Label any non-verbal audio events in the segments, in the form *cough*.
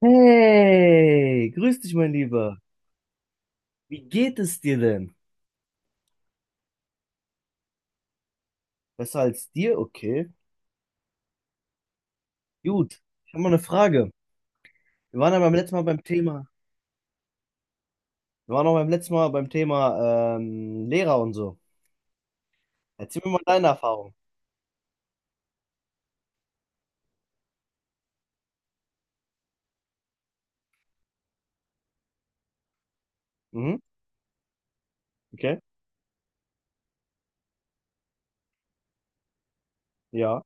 Hey, grüß dich, mein Lieber. Wie geht es dir denn? Besser als dir? Okay. Gut. Ich habe mal eine Frage. Wir waren ja beim letzten Mal beim Thema. Wir waren auch beim letzten Mal beim Thema Lehrer und so. Erzähl mir mal deine Erfahrung. Mhm. Okay. Ja.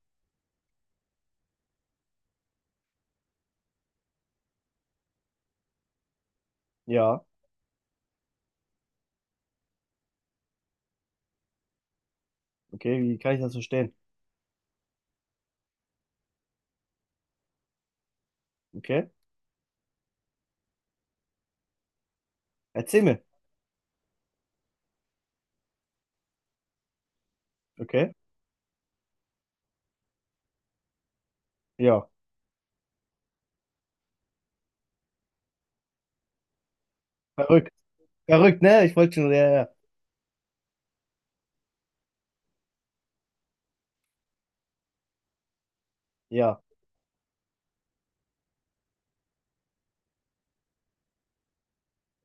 Ja. Okay. Wie kann ich das verstehen? Okay. Erzähl mir. Okay. Ja. Verrückt. Verrückt, ne? Ich wollte schon. Ja, ja. Ja.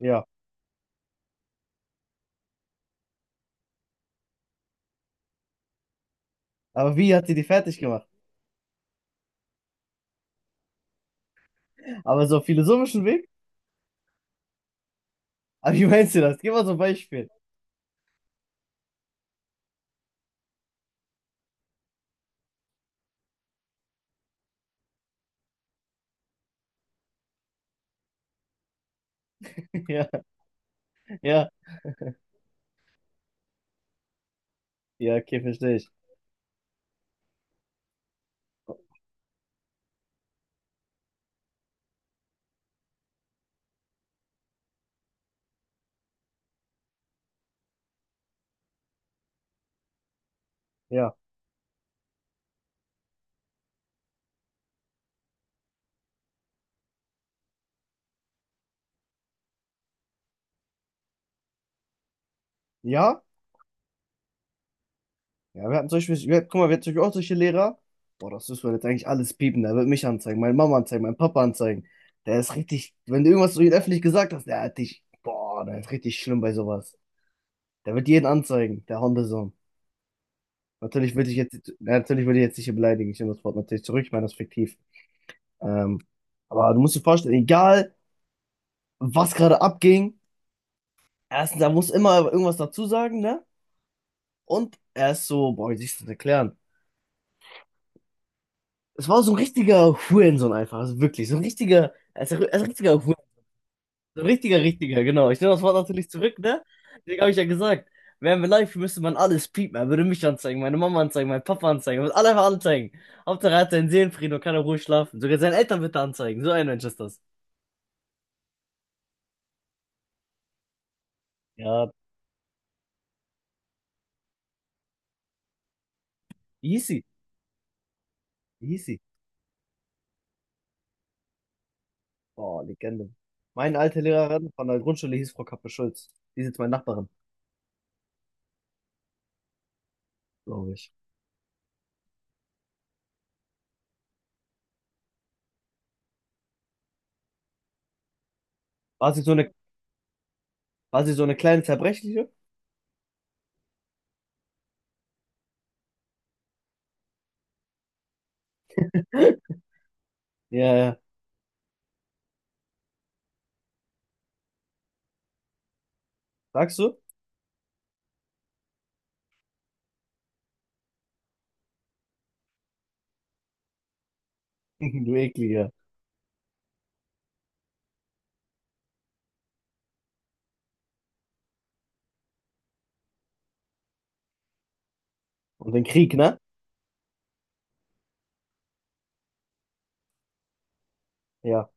Ja. Aber wie hat sie die fertig gemacht? Aber so auf philosophischen Weg? Aber wie meinst du das? Gib mal so ein Beispiel. *laughs* Ja. Ja. Ja, okay, verstehe ich. Ja. Ja? Ja, wir hatten zum Beispiel, wir, guck mal, wir hatten zum Beispiel auch solche Lehrer. Boah, das müssen wir jetzt eigentlich alles piepen. Der wird mich anzeigen, meine Mama anzeigen, meinen Papa anzeigen. Der ist richtig, wenn du irgendwas so ihn öffentlich gesagt hast, der hat dich, boah, der ist richtig schlimm bei sowas. Der wird jeden anzeigen, der Hundesohn. Natürlich würde ich jetzt, ja, natürlich würde ich jetzt nicht hier beleidigen. Ich nehme das Wort natürlich zurück, ich meine das fiktiv. Ähm, aber du musst dir vorstellen, egal was gerade abging, erstens, er muss immer irgendwas dazu sagen, ne? Und er ist so, boah, wie soll ich das erklären? Es war so ein richtiger Hurensohn einfach, also wirklich, so ein richtiger, also ein richtiger Hurensohn, so ein richtiger, richtiger, genau. Ich nehme das Wort natürlich zurück, ne? Deswegen habe ich ja gesagt, wären wir live, müsste man alles piepen. Er würde mich anzeigen, meine Mama anzeigen, meinen Papa anzeigen, er würde alle einfach anzeigen. Hauptsache er hat seinen Seelenfrieden und kann in Ruhe schlafen. Sogar seine Eltern bitte anzeigen, so ein Mensch ist das. Ja, wie hieß sie? Wie hieß sie? Oh, Legende. Meine alte Lehrerin von der Grundschule hieß Frau Kappe-Schulz. Die ist jetzt meine Nachbarin, glaube ich. War sie so eine, war sie so eine kleine Zerbrechliche? *laughs* Ja, ja. Sagst du? *laughs* Du Ekliger. Und den Krieg, ne? Ja.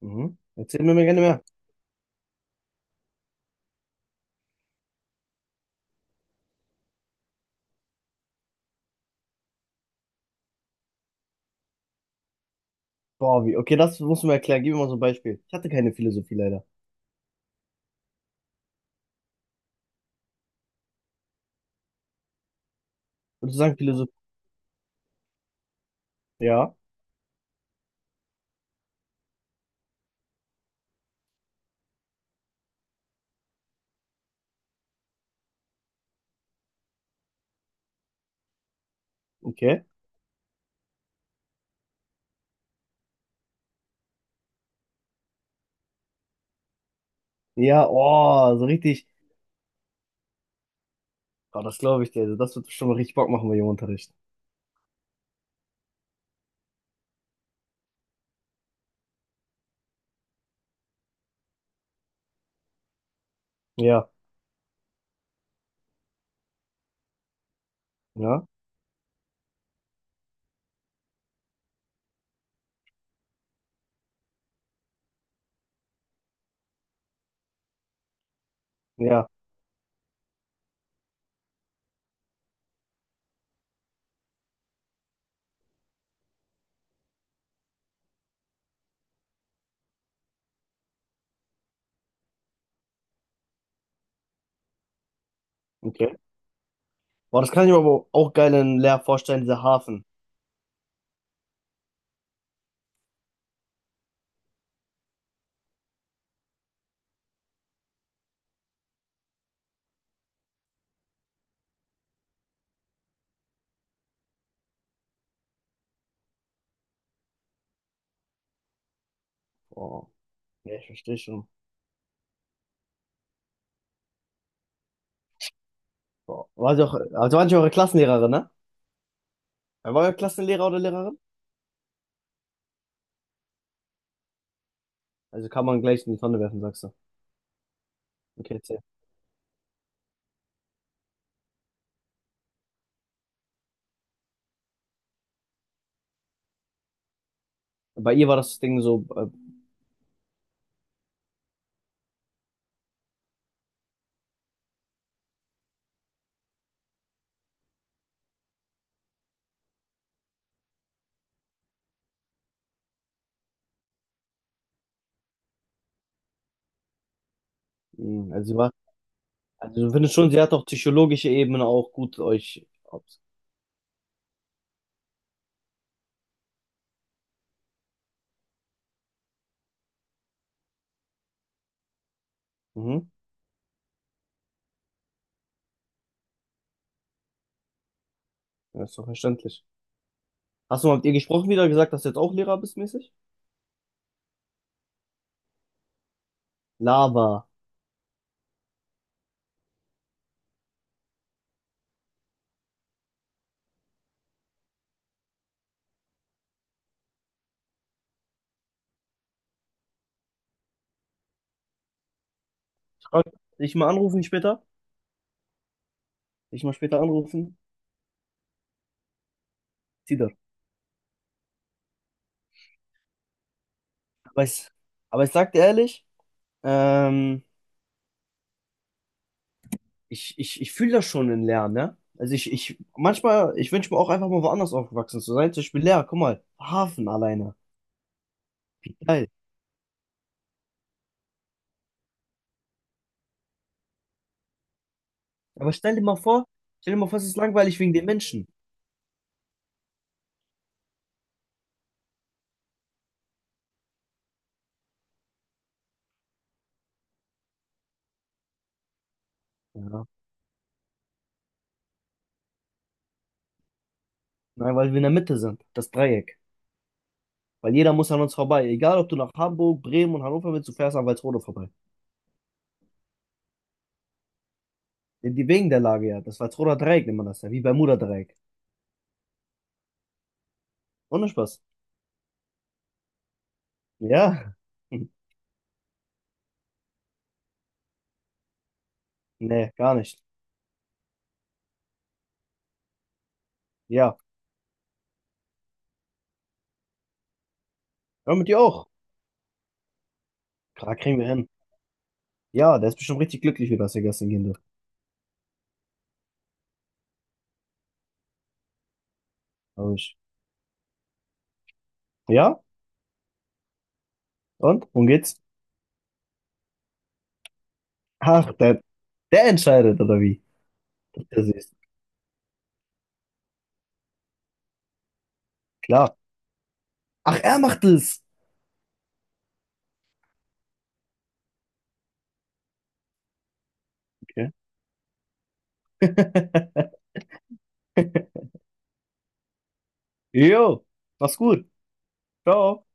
Mhm. Erzähl mir mal gerne mehr. Boah, wie? Okay, das musst du mir erklären. Gib mir mal so ein Beispiel. Ich hatte keine Philosophie leider. Würdest du sagen, Philosophie? Ja, okay. Ja, oh, so richtig. Boah, das glaube ich dir. Also das wird schon mal richtig Bock machen bei dem Unterricht. Ja, ja, ja, okay. Boah, das kann ich mir aber auch geil in Lehr vorstellen, dieser Hafen. Boah, ja, ich verstehe schon. Boah. War sie auch, also war nicht eure Klassenlehrerin, ne? War euer Klassenlehrer oder Lehrerin? Also kann man gleich in die Tonne werfen, sagst du. Okay, erzähl. Bei ihr war das Ding so Mhm, also, sie war, also du findest schon, sie hat auf psychologischer Ebene auch gut euch. Ups. Mhm. Das ist doch verständlich. Hast du mal mit ihr gesprochen wieder, gesagt, dass du jetzt auch Lehrer bist, mäßig? Lava. Ich dich mal anrufen später. Dich mal später anrufen. Zieh das. Aber ich, aber ich sag dir ehrlich, ähm, ich fühle das schon in Lernen, ne? Also ich manchmal, ich wünsche mir auch einfach mal woanders aufgewachsen zu sein. Zum Beispiel Lehrer, guck mal, Hafen alleine. Geil. Aber stell dir mal vor, es ist langweilig wegen den Menschen. Ja. Nein, weil wir in der Mitte sind, das Dreieck. Weil jeder muss an uns vorbei. Egal, ob du nach Hamburg, Bremen und Hannover willst, du fährst an Walsrode vorbei. Wegen der Lage ja. Das Walsroder Dreieck nennt man das ja. Wie Bermuda-Dreieck. Ohne Spaß. Ja. *laughs* Hm. Nee, gar nicht. Ja. Hör mit dir auch. Klar, kriegen wir hin. Ja, der ist bestimmt richtig glücklich, wie das er gestern gehen durfte. Glaub ich. Ja? Und? Worum geht's? Ach, der, der entscheidet, oder wie? Das ist klar. Ach, er macht es. Okay. *laughs* Jo. Mach's gut. Ciao.